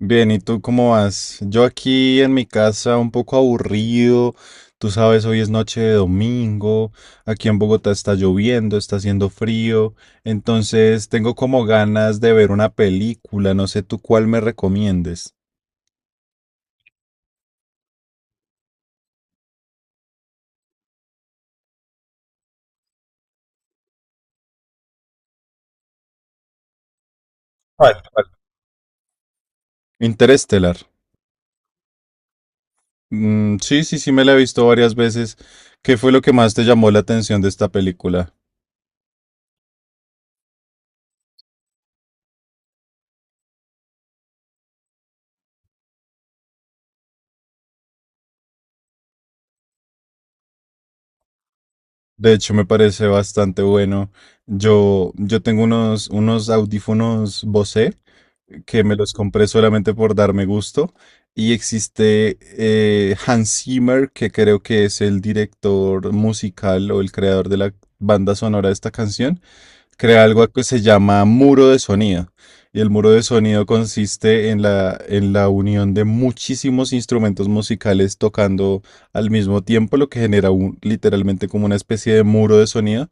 Bien, ¿y tú cómo vas? Yo aquí en mi casa un poco aburrido, tú sabes, hoy es noche de domingo, aquí en Bogotá está lloviendo, está haciendo frío, entonces tengo como ganas de ver una película, no sé tú cuál me recomiendes. ¿Cuál, cuál? Interestelar. Mm, sí, sí, sí, me la he visto varias veces. ¿Qué fue lo que más te llamó la atención de esta película? De hecho, me parece bastante bueno. Yo tengo unos audífonos Bose, que me los compré solamente por darme gusto. Y existe Hans Zimmer, que creo que es el director musical o el creador de la banda sonora de esta canción. Crea algo que se llama muro de sonido. Y el muro de sonido consiste en la unión de muchísimos instrumentos musicales tocando al mismo tiempo, lo que genera un- literalmente como una especie de muro de sonido.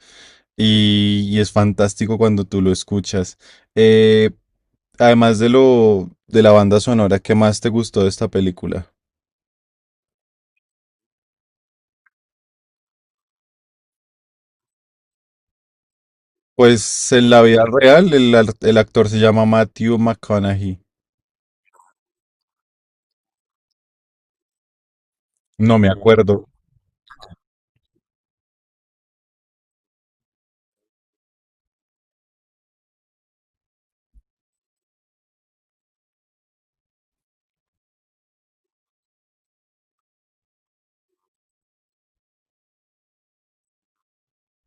Y es fantástico cuando tú lo escuchas. Eh, Además de lo de la banda sonora, ¿qué más te gustó de esta película? Pues en la vida real el, ar- el actor se llama Matthew McConaughey. No me acuerdo.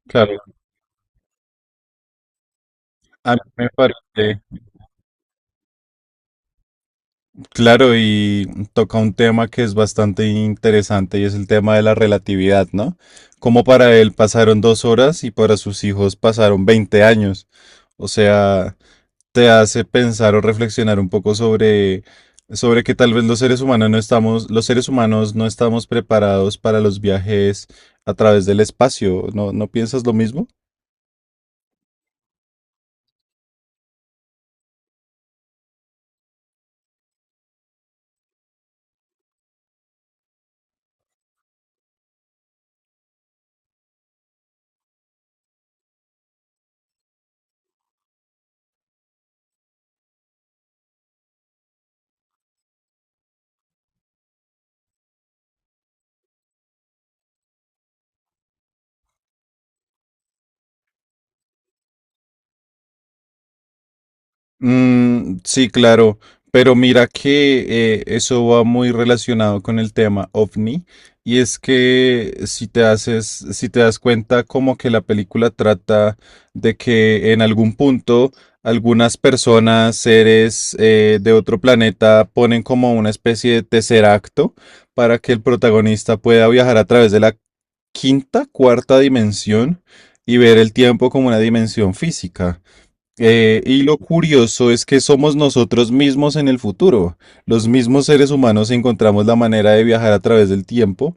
Claro, a mí me parece. Claro, y toca un tema que es bastante interesante y es el tema de la relatividad, ¿no? Como para él pasaron 2 horas y para sus hijos pasaron 20 años. O sea, te hace pensar o reflexionar un poco sobre que tal vez los seres humanos no estamos, los seres humanos no estamos preparados para los viajes a través del espacio. ¿No, no piensas lo mismo? Mm, sí, claro, pero mira que eso va muy relacionado con el tema OVNI y es que si te haces, si te das cuenta como que la película trata de que en algún punto algunas personas, seres de otro planeta ponen como una especie de tercer acto para que el protagonista pueda viajar a través de la quinta, cuarta dimensión y ver el tiempo como una dimensión física. Y lo curioso es que somos nosotros mismos en el futuro. Los mismos seres humanos encontramos la manera de viajar a través del tiempo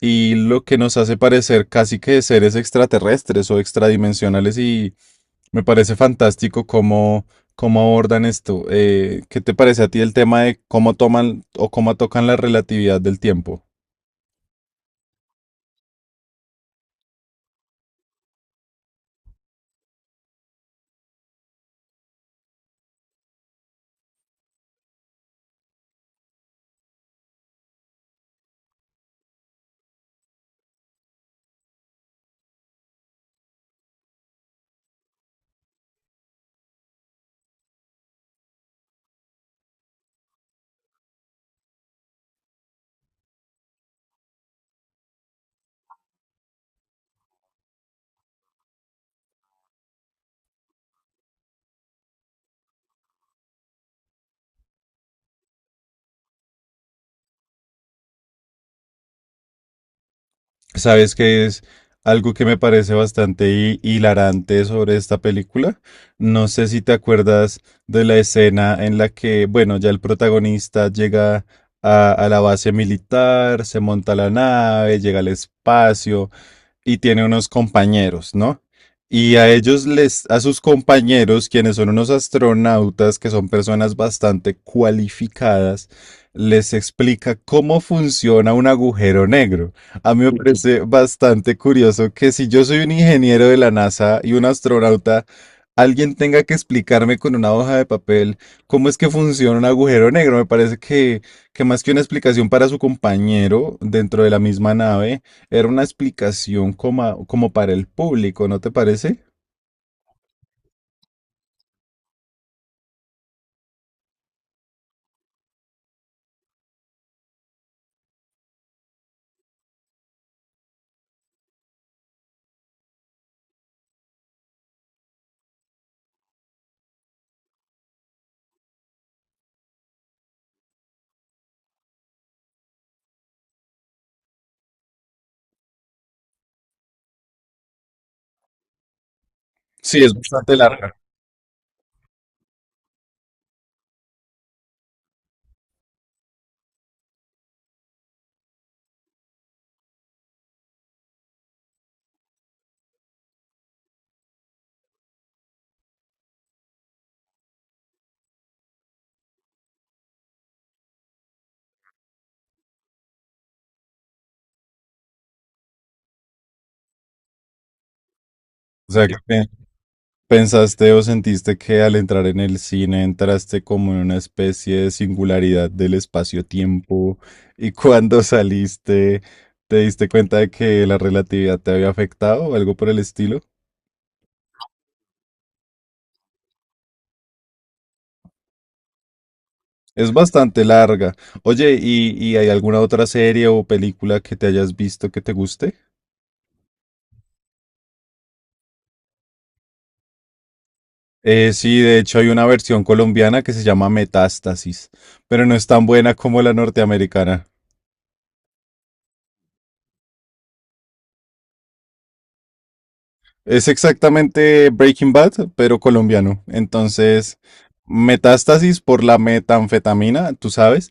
y lo que nos hace parecer casi que seres extraterrestres o extradimensionales y me parece fantástico cómo, cómo abordan esto. ¿Qué te parece a ti el tema de cómo toman o cómo tocan la relatividad del tiempo? ¿Sabes qué es algo que me parece bastante hi- hilarante sobre esta película? No sé si te acuerdas de la escena en la que, bueno, ya el protagonista llega a la base militar, se monta la nave, llega al espacio y tiene unos compañeros, ¿no? Y a ellos les, a sus compañeros, quienes son unos astronautas, que son personas bastante cualificadas, les explica cómo funciona un agujero negro. A mí me parece bastante curioso que si yo soy un ingeniero de la NASA y un astronauta, alguien tenga que explicarme con una hoja de papel cómo es que funciona un agujero negro. Me parece que más que una explicación para su compañero dentro de la misma nave, era una explicación como, como para el público, ¿no te parece? Sí, es bastante larga. O sea, que pe- pensaste o sentiste que al entrar en el cine entraste como en una especie de singularidad del espacio-tiempo y cuando saliste te diste cuenta de que la relatividad te había afectado o algo por el estilo. Es bastante larga. Oye, ¿y hay alguna otra serie o película que te hayas visto que te guste? Sí, de hecho hay una versión colombiana que se llama Metástasis, pero no es tan buena como la norteamericana. Es exactamente Breaking Bad, pero colombiano. Entonces, metástasis por la metanfetamina, tú sabes,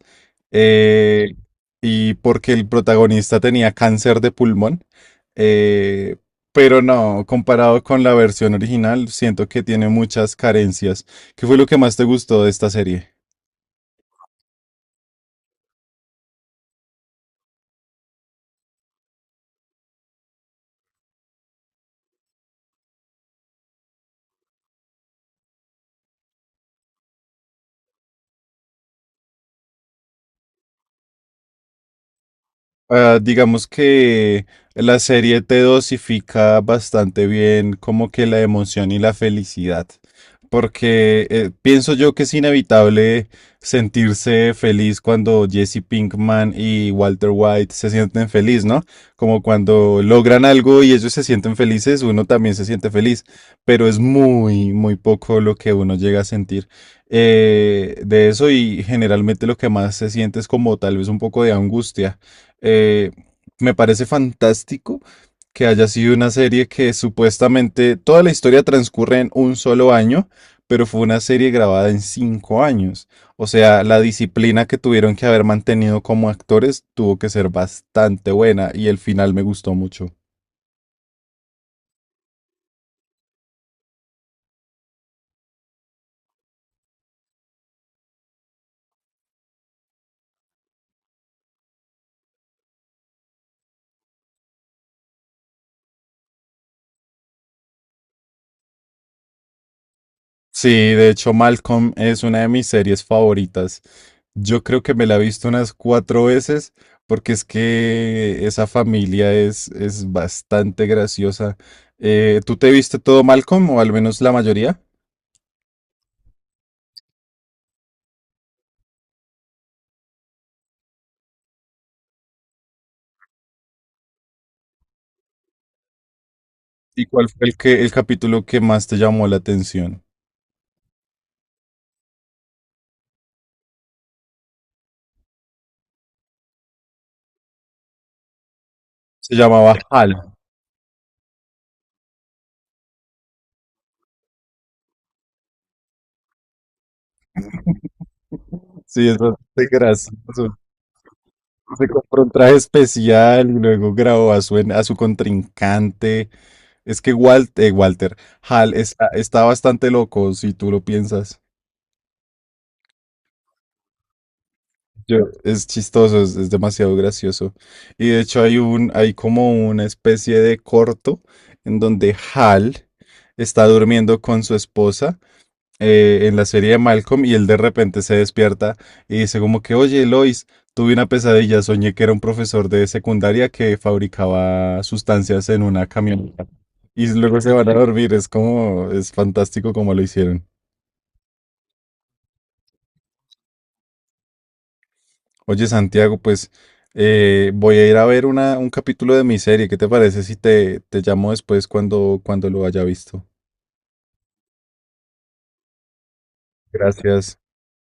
eh, y porque el protagonista tenía cáncer de pulmón. eh, pero no, comparado con la versión original, siento que tiene muchas carencias. ¿Qué fue lo que más te gustó de esta serie? Ah, digamos que la serie te dosifica bastante bien como que la emoción y la felicidad, porque pienso yo que es inevitable sentirse feliz cuando Jesse Pinkman y Walter White se sienten feliz, ¿no? Como cuando logran algo y ellos se sienten felices, uno también se siente feliz, pero es muy, muy poco lo que uno llega a sentir de eso, y generalmente lo que más se siente es como tal vez un poco de angustia. eh, Me parece fantástico que haya sido una serie que supuestamente toda la historia transcurre en un solo año, pero fue una serie grabada en 5 años. O sea, la disciplina que tuvieron que haber mantenido como actores tuvo que ser bastante buena y el final me gustó mucho. Sí, de hecho Malcolm es una de mis series favoritas. Yo creo que me la he visto unas 4 veces, porque es que esa familia es bastante graciosa. ¿Tú te viste todo Malcolm o al menos la mayoría? ¿Y cuál fue el que, el capítulo que más te llamó la atención? Se llamaba Hal. Sí, es bastante gracioso. Se compró un traje especial y luego grabó a su, en- a su contrincante. Es que Walt- Walter Hal está, está bastante loco, si tú lo piensas. Yo- es chistoso, es demasiado gracioso. Y de hecho hay un, hay como una especie de corto en donde Hal está durmiendo con su esposa, en la serie de Malcolm, y él de repente se despierta y dice como que, oye, Lois, tuve una pesadilla, soñé que era un profesor de secundaria que fabricaba sustancias en una camioneta y luego se van a dormir, es como, es fantástico como lo hicieron. Oye, Santiago, pues voy a ir a ver una, un capítulo de mi serie, ¿qué te parece si te, te llamo después cuando, cuando lo haya visto? Gracias.